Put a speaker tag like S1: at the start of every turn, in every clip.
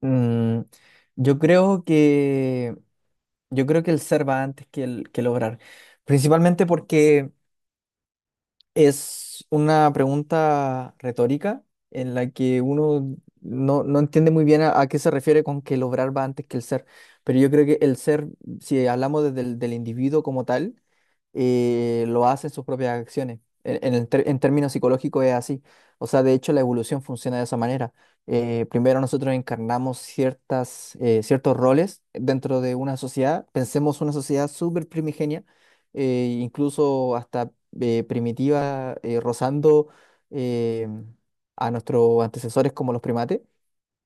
S1: Mm, yo creo que yo creo que el ser va antes que el obrar, principalmente porque es una pregunta retórica en la que uno no entiende muy bien a qué se refiere con que el obrar va antes que el ser, pero yo creo que el ser, si hablamos desde del individuo como tal, lo hace en sus propias acciones. En términos psicológicos es así. O sea, de hecho, la evolución funciona de esa manera. Primero nosotros encarnamos ciertos roles dentro de una sociedad. Pensemos una sociedad súper primigenia, incluso hasta primitiva, rozando eh, a nuestros antecesores como los primates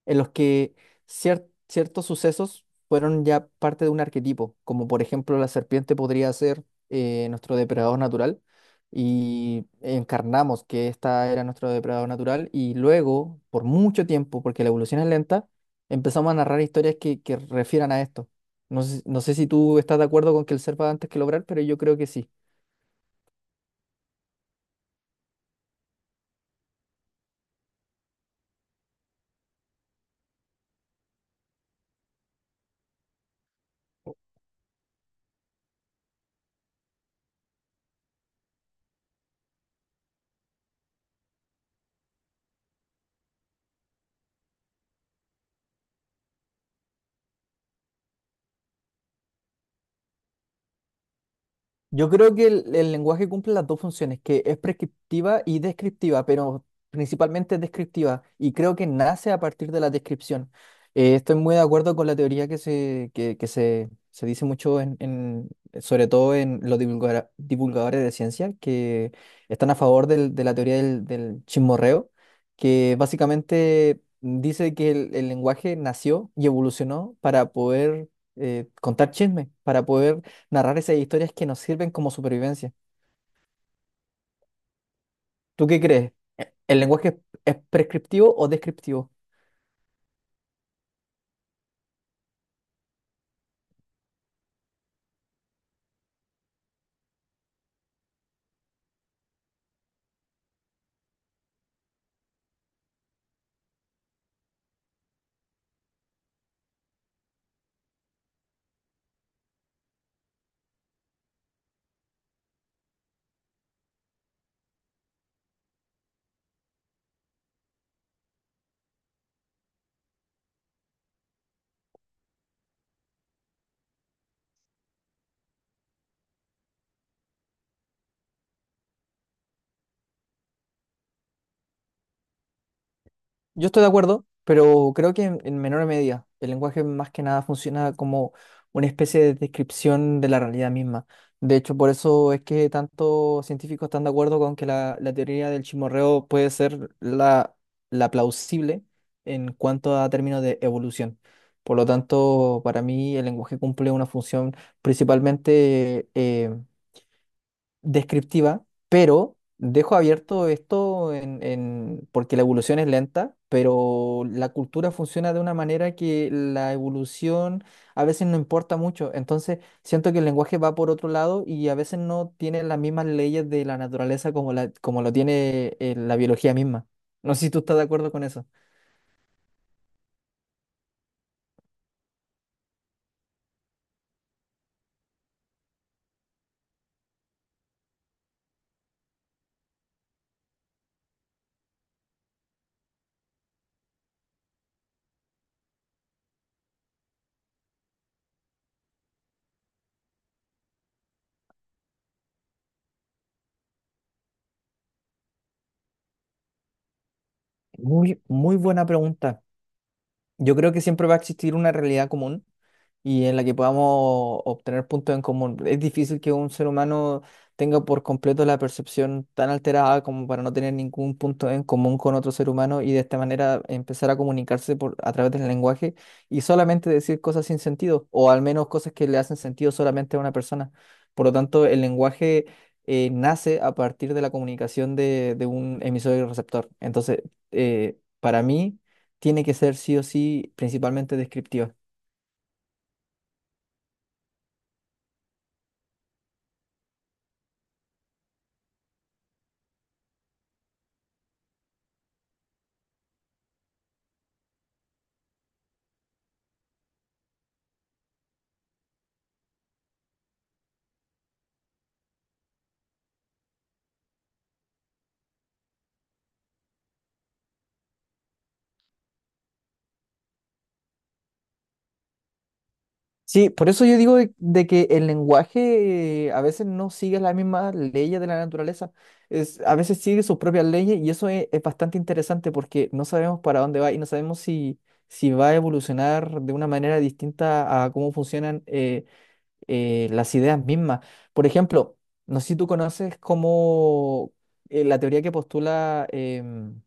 S1: en los que ciertos sucesos fueron ya parte de un arquetipo, como por ejemplo la serpiente podría ser nuestro depredador natural y encarnamos que esta era nuestro depredador natural y luego, por mucho tiempo, porque la evolución es lenta, empezamos a narrar historias que refieran a esto. No sé si tú estás de acuerdo con que el ser va antes que lograr, pero yo creo que sí. Yo creo que el lenguaje cumple las dos funciones, que es prescriptiva y descriptiva, pero principalmente es descriptiva, y creo que nace a partir de la descripción. Estoy muy de acuerdo con la teoría que se dice mucho, sobre todo en los divulgadores de ciencia, que están a favor de la teoría del chismorreo, que básicamente dice que el lenguaje nació y evolucionó para poder contar chismes, para poder narrar esas historias que nos sirven como supervivencia. ¿Tú qué crees? ¿El lenguaje es prescriptivo o descriptivo? Yo estoy de acuerdo, pero creo que en menor medida. El lenguaje más que nada funciona como una especie de descripción de la realidad misma. De hecho, por eso es que tantos científicos están de acuerdo con que la teoría del chimorreo puede ser la plausible en cuanto a términos de evolución. Por lo tanto, para mí el lenguaje cumple una función principalmente descriptiva, pero dejo abierto esto porque la evolución es lenta, pero la cultura funciona de una manera que la evolución a veces no importa mucho. Entonces, siento que el lenguaje va por otro lado y a veces no tiene las mismas leyes de la naturaleza como lo tiene la biología misma. No sé si tú estás de acuerdo con eso. Muy, muy buena pregunta. Yo creo que siempre va a existir una realidad común y en la que podamos obtener puntos en común. Es difícil que un ser humano tenga por completo la percepción tan alterada como para no tener ningún punto en común con otro ser humano y de esta manera empezar a comunicarse a través del lenguaje y solamente decir cosas sin sentido o al menos cosas que le hacen sentido solamente a una persona. Por lo tanto, el lenguaje nace a partir de la comunicación de un emisor y receptor. Entonces, para mí, tiene que ser sí o sí principalmente descriptiva. Sí, por eso yo digo de que el lenguaje a veces no sigue las mismas leyes de la naturaleza, a veces sigue sus propias leyes y eso es bastante interesante porque no sabemos para dónde va y no sabemos si va a evolucionar de una manera distinta a cómo funcionan las ideas mismas. Por ejemplo, no sé si tú conoces como la teoría que postula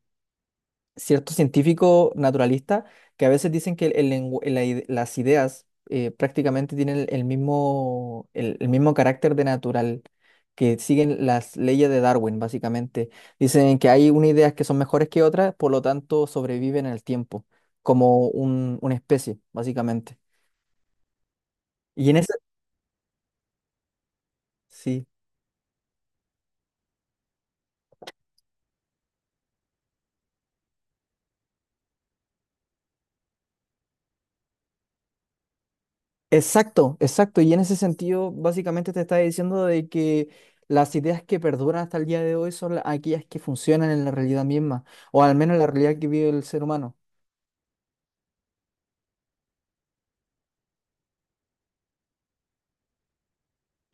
S1: ciertos científicos naturalistas que a veces dicen que el lengu- la ide- las ideas prácticamente tienen el mismo, el mismo carácter de natural, que siguen las leyes de Darwin, básicamente. Dicen que hay unas ideas que son mejores que otras, por lo tanto sobreviven en el tiempo, como una especie, básicamente. Y en ese, sí. Exacto, exacto. Y en ese sentido, básicamente te está diciendo de que las ideas que perduran hasta el día de hoy son aquellas que funcionan en la realidad misma, o al menos en la realidad que vive el ser humano.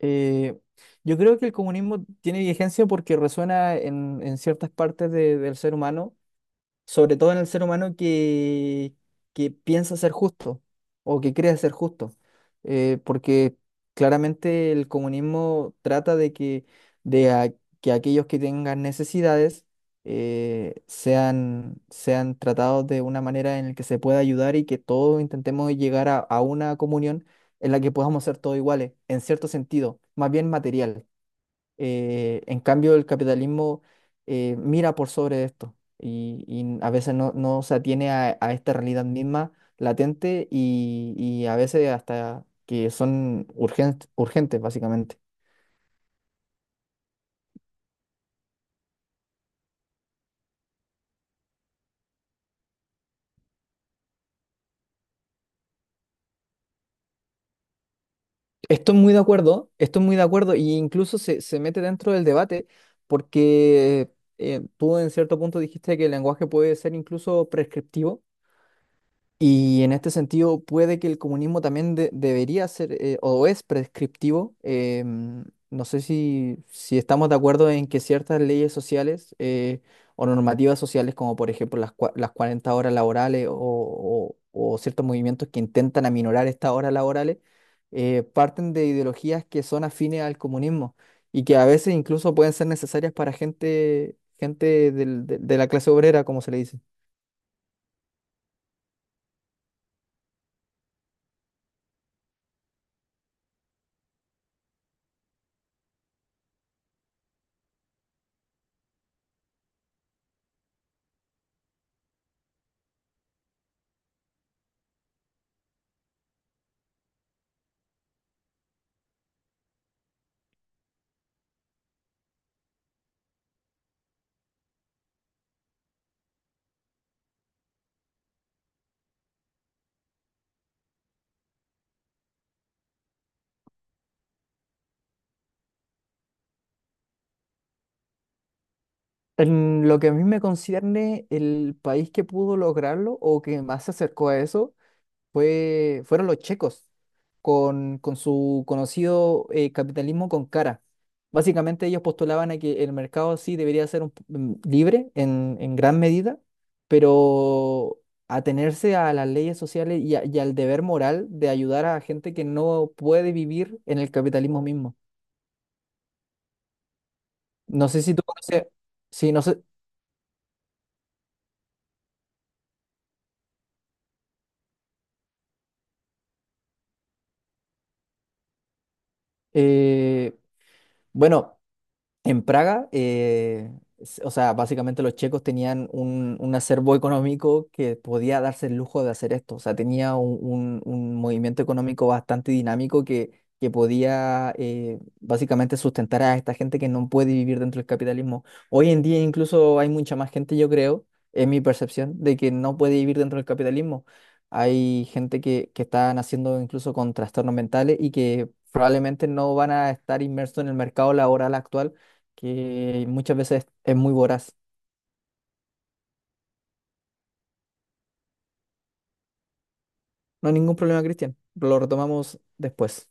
S1: Eh, yo creo que el comunismo tiene vigencia porque resuena en ciertas partes del ser humano sobre todo en el ser humano que piensa ser justo o que cree ser justo, porque claramente el comunismo trata de que aquellos que tengan necesidades sean tratados de una manera en la que se pueda ayudar y que todos intentemos llegar a una comunión en la que podamos ser todos iguales, en cierto sentido, más bien material. En cambio, el capitalismo mira por sobre esto y a veces no se atiene a esta realidad misma latente y a veces hasta que son urgentes, urgentes, básicamente. Estoy muy de acuerdo, estoy muy de acuerdo y incluso se mete dentro del debate porque tú en cierto punto dijiste que el lenguaje puede ser incluso prescriptivo. Y en este sentido, puede que el comunismo también debería ser o es prescriptivo. No sé si estamos de acuerdo en que ciertas leyes sociales o normativas sociales, como por ejemplo las 40 horas laborales o ciertos movimientos que intentan aminorar estas horas laborales, parten de ideologías que son afines al comunismo y que a veces incluso pueden ser necesarias para gente de la clase obrera, como se le dice. En lo que a mí me concierne, el país que pudo lograrlo o que más se acercó a eso fueron los checos, con su conocido capitalismo con cara. Básicamente ellos postulaban a que el mercado sí debería ser libre en gran medida, pero atenerse a las leyes sociales y al deber moral de ayudar a gente que no puede vivir en el capitalismo mismo. No sé si tú conoces, sí, no sé. eh, bueno. En Praga, o sea, básicamente los checos tenían un acervo económico que podía darse el lujo de hacer esto. O sea, tenía un movimiento económico bastante dinámico que podía básicamente sustentar a esta gente que no puede vivir dentro del capitalismo. Hoy en día incluso hay mucha más gente, yo creo, es mi percepción, de que no puede vivir dentro del capitalismo. Hay gente que está naciendo incluso con trastornos mentales y que probablemente no van a estar inmersos en el mercado laboral actual que muchas veces es muy voraz. No hay ningún problema, Cristian. Lo retomamos después.